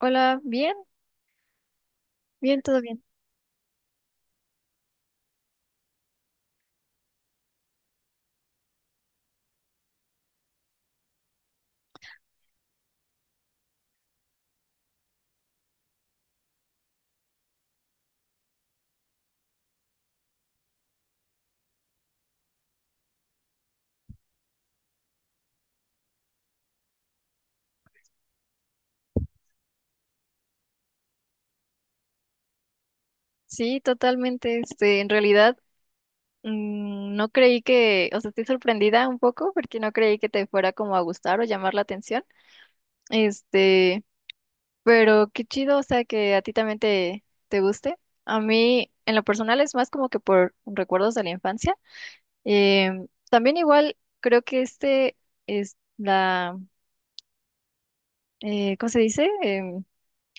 Hola, bien, todo bien. Sí, totalmente. Este, en realidad, no creí que, o sea, estoy sorprendida un poco porque no creí que te fuera como a gustar o llamar la atención. Este, pero qué chido, o sea, que a ti también te guste. A mí, en lo personal, es más como que por recuerdos de la infancia. También igual, creo que este es la, ¿cómo se dice? Em,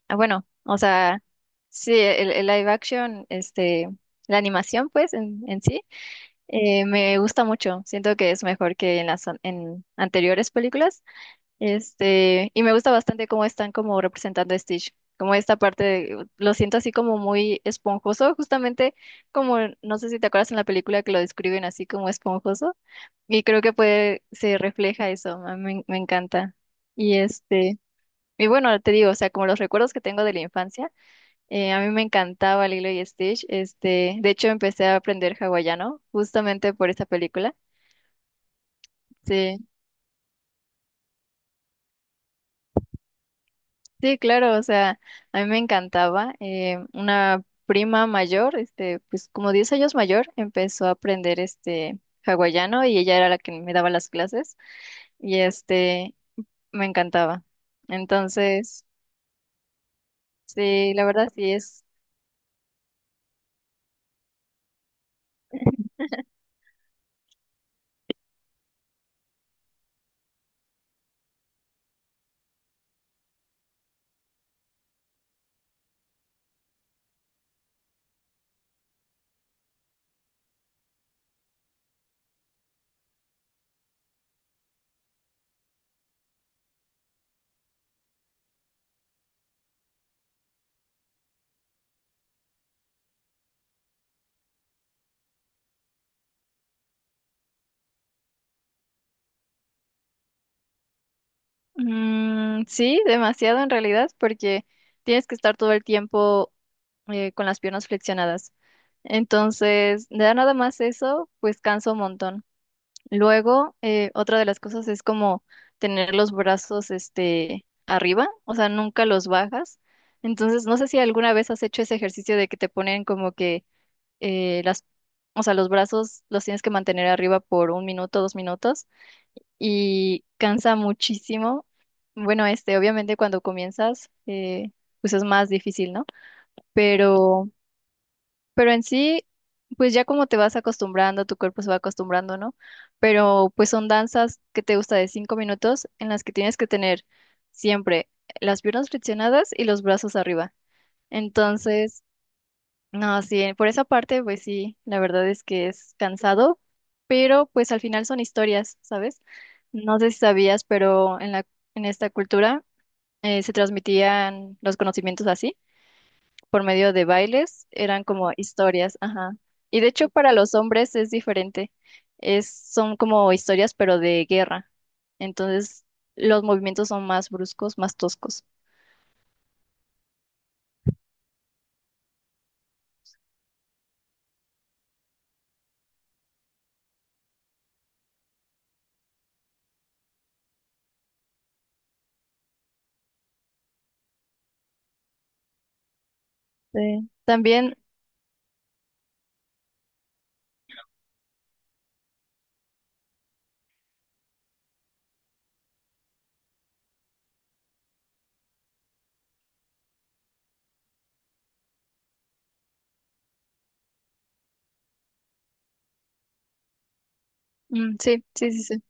Ah, Bueno, o sea, sí, el live action, este, la animación, pues, en sí, me gusta mucho. Siento que es mejor que en las en anteriores películas. Este, y me gusta bastante cómo están como representando a Stitch. Como esta parte, lo siento así como muy esponjoso, justamente como, no sé si te acuerdas en la película que lo describen así como esponjoso. Y creo que puede, se refleja eso, a mí me encanta. Y este, y bueno, te digo, o sea, como los recuerdos que tengo de la infancia. A mí me encantaba Lilo y Stitch. Este, de hecho, empecé a aprender hawaiano justamente por esta película. Sí, sí, claro. O sea, a mí me encantaba. Una prima mayor, este, pues como 10 años mayor, empezó a aprender este hawaiano y ella era la que me daba las clases y este, me encantaba. Entonces, sí, la verdad sí es. Mm, sí, demasiado en realidad, porque tienes que estar todo el tiempo con las piernas flexionadas. Entonces, da nada más eso, pues cansa un montón. Luego, otra de las cosas es como tener los brazos este arriba, o sea, nunca los bajas. Entonces, no sé si alguna vez has hecho ese ejercicio de que te ponen como que eh, las, o sea, los brazos los tienes que mantener arriba por 1 minuto, 2 minutos y cansa muchísimo. Bueno, este, obviamente cuando comienzas, pues es más difícil, ¿no? Pero, pero en sí, pues ya como te vas acostumbrando, tu cuerpo se va acostumbrando, ¿no? Pero pues son danzas que te gusta de 5 minutos en las que tienes que tener siempre las piernas flexionadas y los brazos arriba. Entonces, no, sí, por esa parte, pues sí, la verdad es que es cansado, pero pues al final son historias, ¿sabes? No sé si sabías, pero en la, en esta cultura se transmitían los conocimientos así, por medio de bailes, eran como historias, ajá. Y de hecho para los hombres es diferente, es, son como historias, pero de guerra. Entonces los movimientos son más bruscos, más toscos. Sí. También, mm, sí, sí, sí, sí.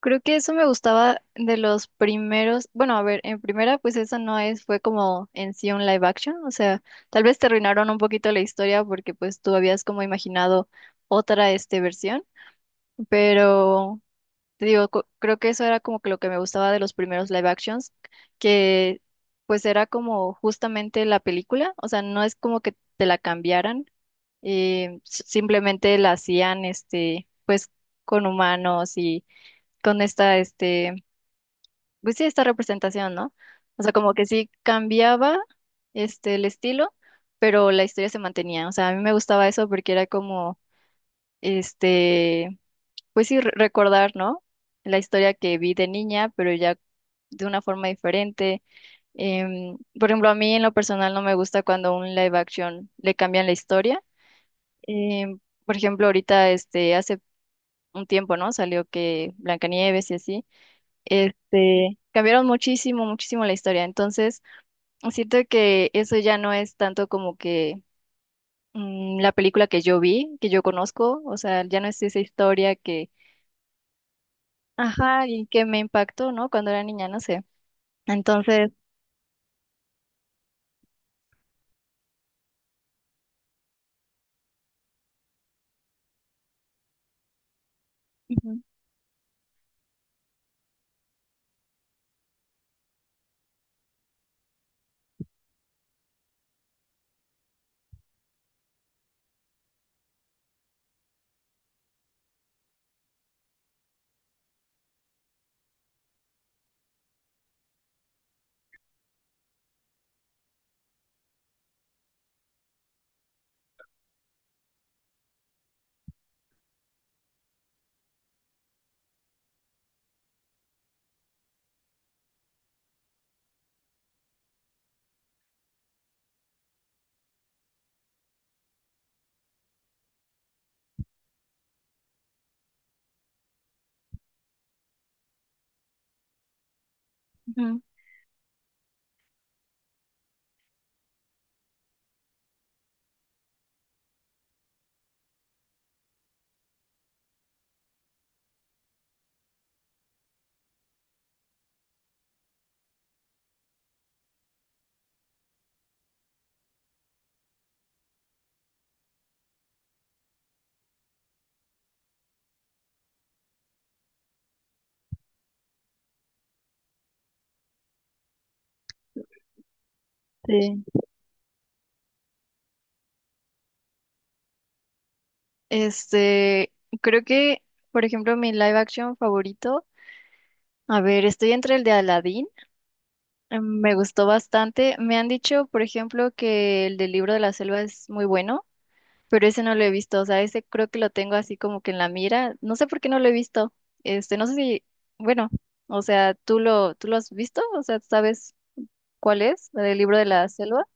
Creo que eso me gustaba de los primeros, bueno, a ver, en primera, pues eso no es, fue como en sí un live action, o sea, tal vez te arruinaron un poquito la historia porque pues tú habías como imaginado otra, este, versión, pero te digo, creo que eso era como que lo que me gustaba de los primeros live actions, que pues era como justamente la película, o sea, no es como que te la cambiaran, simplemente la hacían, este, pues con humanos y con esta, este pues sí, esta representación, ¿no? O sea, como que sí cambiaba este el estilo, pero la historia se mantenía. O sea, a mí me gustaba eso porque era como, este, pues sí, recordar, ¿no? La historia que vi de niña, pero ya de una forma diferente. Em, por ejemplo, a mí en lo personal no me gusta cuando un live action le cambian la historia. Em, por ejemplo, ahorita, este, hace un tiempo, ¿no? Salió que Blancanieves y así este, cambiaron muchísimo, muchísimo la historia. Entonces, siento que eso ya no es tanto como que la película que yo vi, que yo conozco, o sea, ya no es esa historia que, ajá, y que me impactó, ¿no? Cuando era niña, no sé. Entonces, ujú, ujú, sí. Este, creo que, por ejemplo, mi live action favorito, a ver, estoy entre el de Aladdin, me gustó bastante. Me han dicho, por ejemplo, que el del libro de la selva es muy bueno. Pero ese no lo he visto, o sea, ese creo que lo tengo así como que en la mira, no sé por qué no lo he visto, este, no sé si, bueno, o sea, ¿tú tú lo has visto? O sea, ¿sabes cuál es? ¿La del libro de la selva?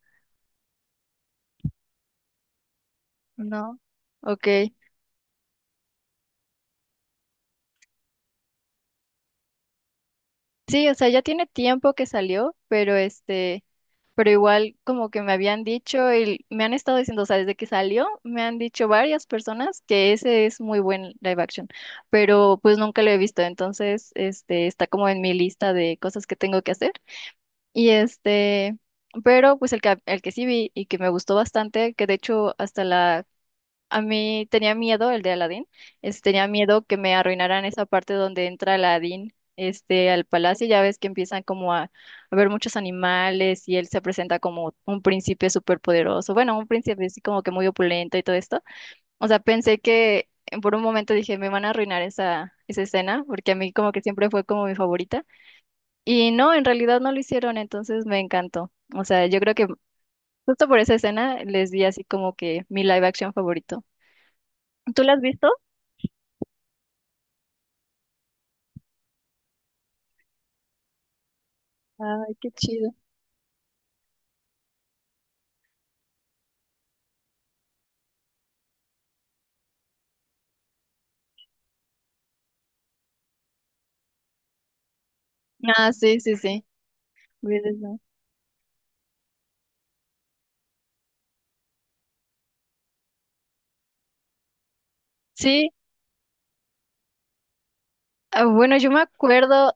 No. Ok. Sí, o sea, ya tiene tiempo que salió, pero este, pero igual como que me habían dicho y me han estado diciendo, o sea, desde que salió, me han dicho varias personas que ese es muy buen live action, pero pues nunca lo he visto, entonces, este, está como en mi lista de cosas que tengo que hacer. Y este, pero pues el que sí vi y que me gustó bastante, que de hecho hasta la, a mí tenía miedo, el de Aladdin, tenía miedo que me arruinaran esa parte donde entra Aladdin, este, al palacio, ya ves que empiezan como a ver muchos animales y él se presenta como un príncipe súper poderoso, bueno, un príncipe así como que muy opulento y todo esto. O sea, pensé que por un momento dije, me van a arruinar esa, esa escena, porque a mí como que siempre fue como mi favorita. Y no, en realidad no lo hicieron, entonces me encantó. O sea, yo creo que justo por esa escena les di así como que mi live action favorito. ¿Tú la has visto? Ay, qué chido. Ah, sí, sí, sí. Hubieras, ¿no? Sí, ah, bueno, yo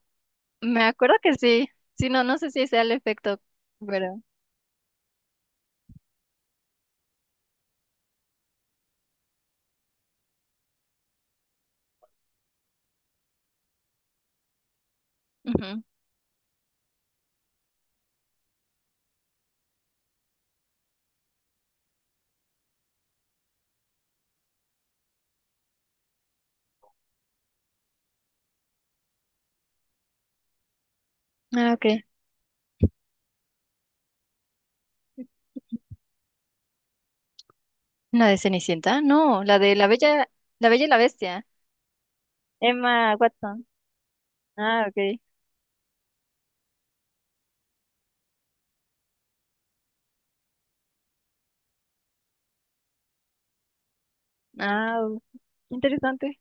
me acuerdo que sí. Sí, no, no sé si sea el efecto, pero. Ujú. Ah, ok. ¿La de Cenicienta? No, la de La Bella, La Bella y la Bestia. Emma Watson. Ah, ok. Ah, qué interesante.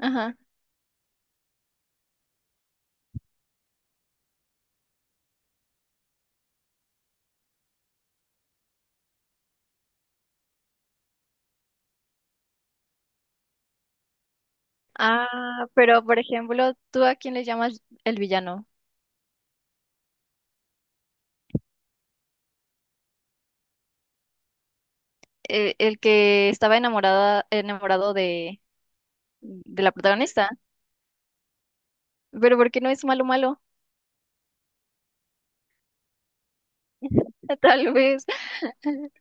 Ajá. Ah, pero por ejemplo, ¿tú a quién le llamas el villano? El, que estaba enamorada, enamorado de la protagonista. Pero ¿por qué no es malo malo? Tal vez.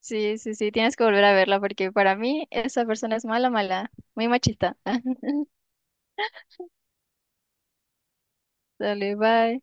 Sí, sí, sí, tienes que volver a verla porque para mí esa persona es mala, mala, muy machista. Dale, bye.